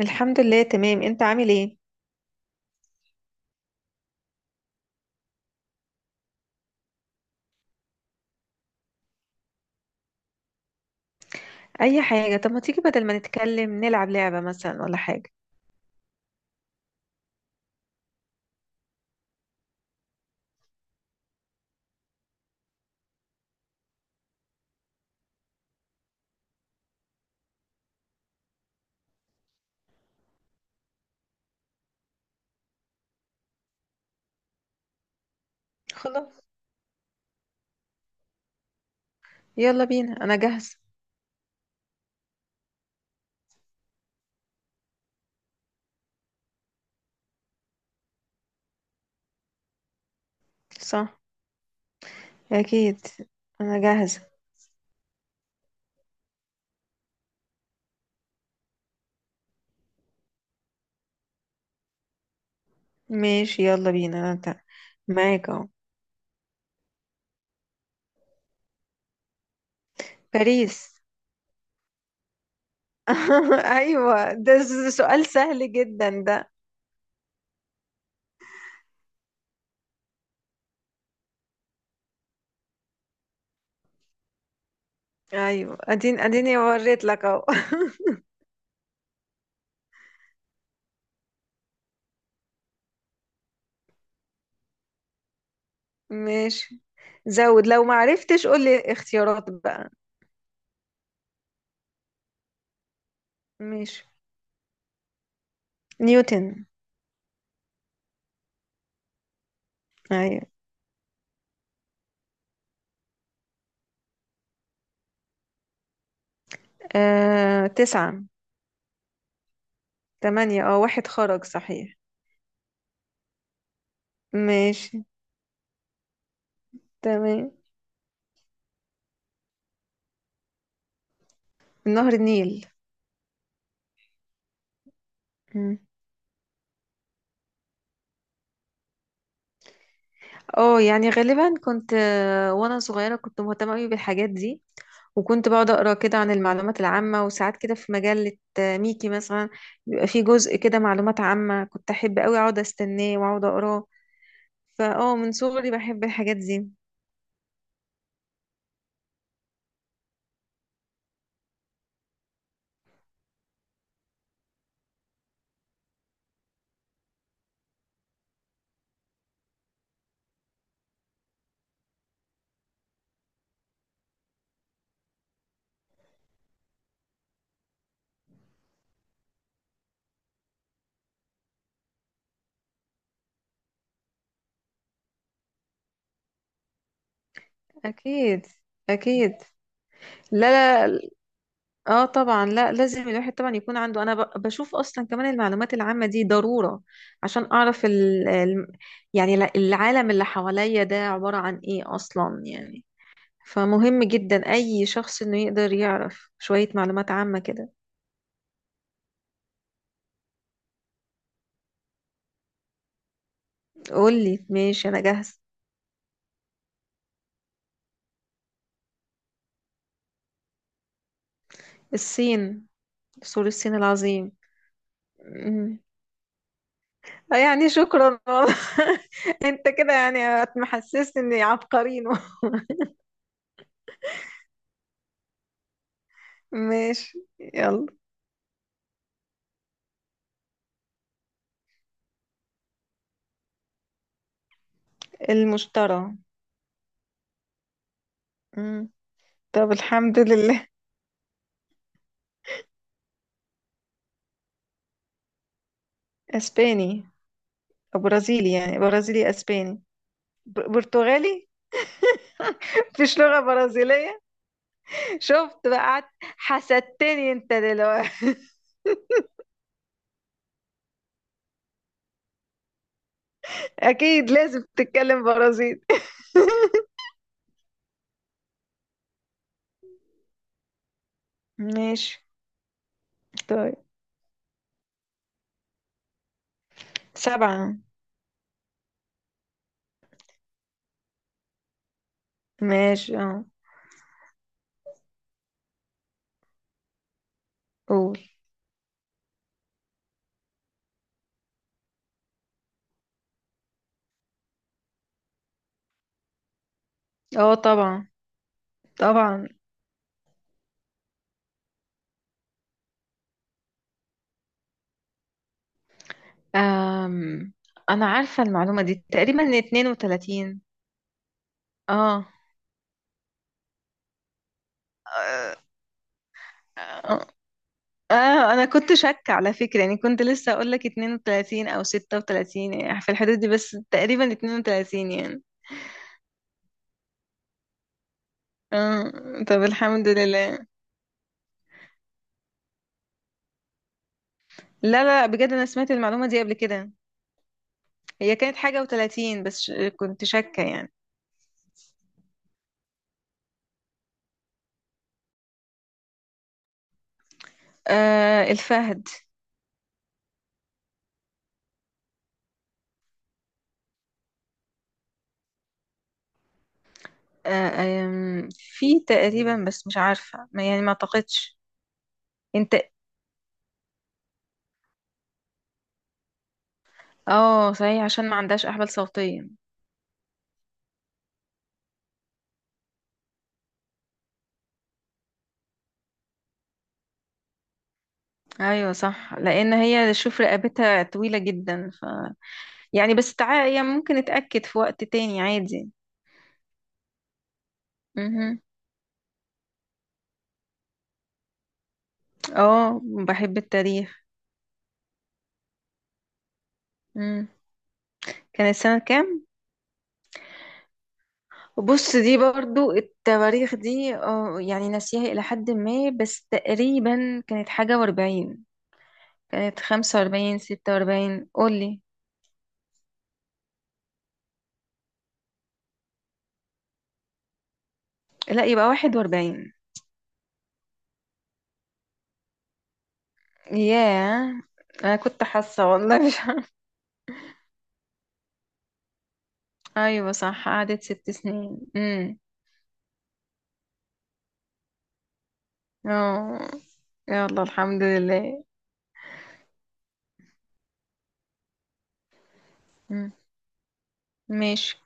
الحمد لله، تمام. انت عامل ايه؟ اي حاجه. طب ما تيجي بدل ما نتكلم نلعب لعبه مثلا ولا حاجه؟ خلاص، يلا بينا، انا جاهزه. صح. اكيد. انا جاهزه. ماشي، يلا بينا، معاك اهو. باريس. ايوه، ده سؤال سهل جدا ده. ايوه، اديني وريت لك اهو. ماشي. زود. لو ما عرفتش قول لي اختيارات بقى. ماشي. نيوتن. ايوه، تسعة. تمانية. اه واحد خرج صحيح. ماشي. تمام. نهر النيل. مم. اه يعني غالبا كنت وانا صغيرة كنت مهتمة قوي بالحاجات دي. وكنت بقعد اقرا كده عن المعلومات العامة، وساعات كده في مجلة ميكي مثلا. بيبقى فيه جزء كده معلومات عامة، كنت احب قوي اقعد استناه واقعد اقراه. فاه من صغري بحب الحاجات دي. اكيد. اكيد. لا. لا. اه، طبعا. لا، لازم الواحد طبعا يكون عنده. انا بشوف اصلا كمان المعلومات العامة دي ضرورة، عشان اعرف يعني العالم اللي حواليا ده عبارة عن ايه اصلا، يعني. فمهم جدا اي شخص انه يقدر يعرف شوية معلومات عامة كده. قولي، ماشي، انا جاهز. الصين. سور الصين العظيم. أمم. يعني شكرا والله. انت كده يعني هتحسسني اني عبقرين. ماشي. يلا. المشترى. مم. طب، الحمد لله. اسباني. او برازيلي، يعني برازيلي اسباني. برتغالي. مفيش لغة برازيلية. شفت بقى، قعدت حسدتني انت دلوقتي. اكيد لازم تتكلم برازيلي. ماشي. طيب. سبعة. ماشي، اه. قول. اه، طبعا. طبعا. أم. انا عارفة المعلومة دي تقريبا 32. اه. آه، آه، اه، انا كنت شاكة على فكرة. يعني كنت لسه اقول لك 32 او 36، يعني في الحدود دي، بس تقريبا 32 يعني. اه، طب الحمد لله. لا لا، بجد انا سمعت المعلومة دي قبل كده. هي كانت حاجة و30، بس كنت شاكة يعني. الفهد. آه. في تقريبا، بس مش عارفة، ما يعني ما اعتقدش. انت. اه، صحيح، عشان ما عندهاش احبال صوتية. ايوه، صح، لان هي شوف رقبتها طويلة جدا. يعني بس يعني ممكن اتأكد في وقت تاني عادي. مهم. اه، بحب التاريخ. مم. كان السنة كام؟ بص، دي برضو التواريخ دي، يعني ناسيها إلى حد ما، بس تقريبا كانت حاجة وأربعين. كانت 45، 46، قولي. لا، يبقى 41. ياه. أنا كنت حاسة والله. مش عارفة. أيوة صح، قعدت 6 سنين . اه. يلا الحمد لله. مم. ماشي.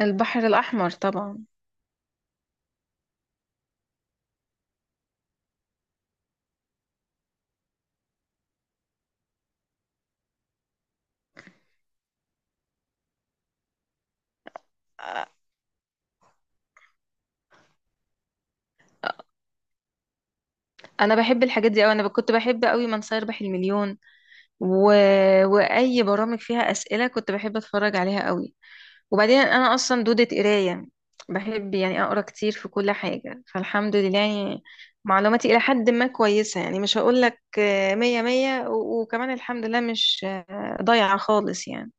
البحر الأحمر طبعا. انا بحب الحاجات دي قوي. انا كنت بحب قوي من سيربح المليون و... واي برامج فيها اسئله كنت بحب اتفرج عليها قوي. وبعدين انا اصلا دوده قرايه، بحب يعني اقرا كتير في كل حاجه، فالحمد لله يعني. معلوماتي الى حد ما كويسه، يعني مش هقول لك مية مية، وكمان الحمد لله مش ضايعه خالص يعني.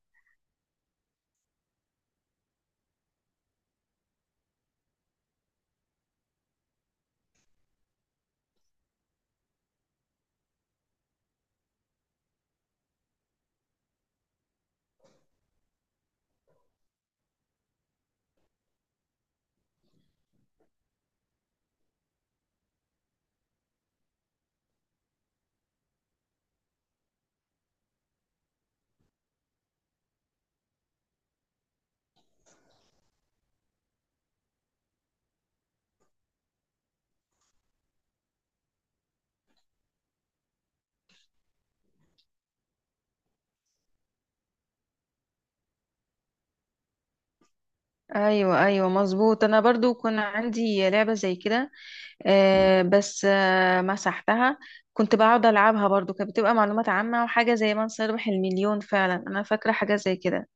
ايوه ايوه مظبوط، انا برضو كان عندي لعبه زي كده بس مسحتها. كنت بقعد ألعبها برضو، كانت بتبقى معلومات عامة وحاجة زي من سيربح المليون. فعلا أنا فاكرة حاجة زي كده.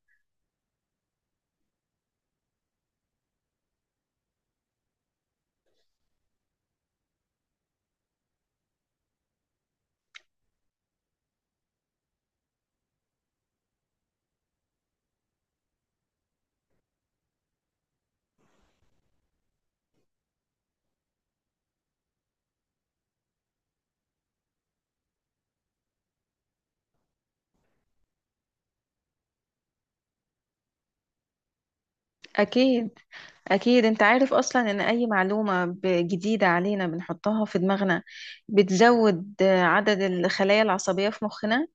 أكيد. أكيد. أنت عارف أصلا إن أي معلومة جديدة علينا بنحطها في دماغنا، بتزود عدد الخلايا العصبية في مخنا،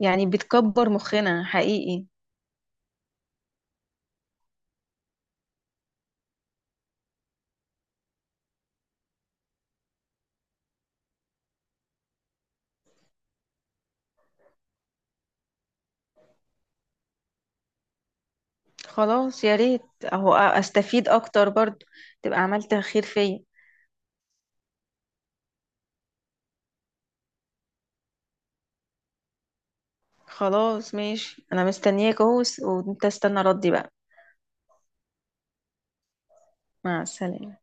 يعني بتكبر مخنا حقيقي. خلاص، يا ريت. أهو أستفيد أكتر برضو، تبقى عملت خير فيا. خلاص ماشي، أنا مستنياك أهو، وأنت استنى ردي بقى. مع السلامة.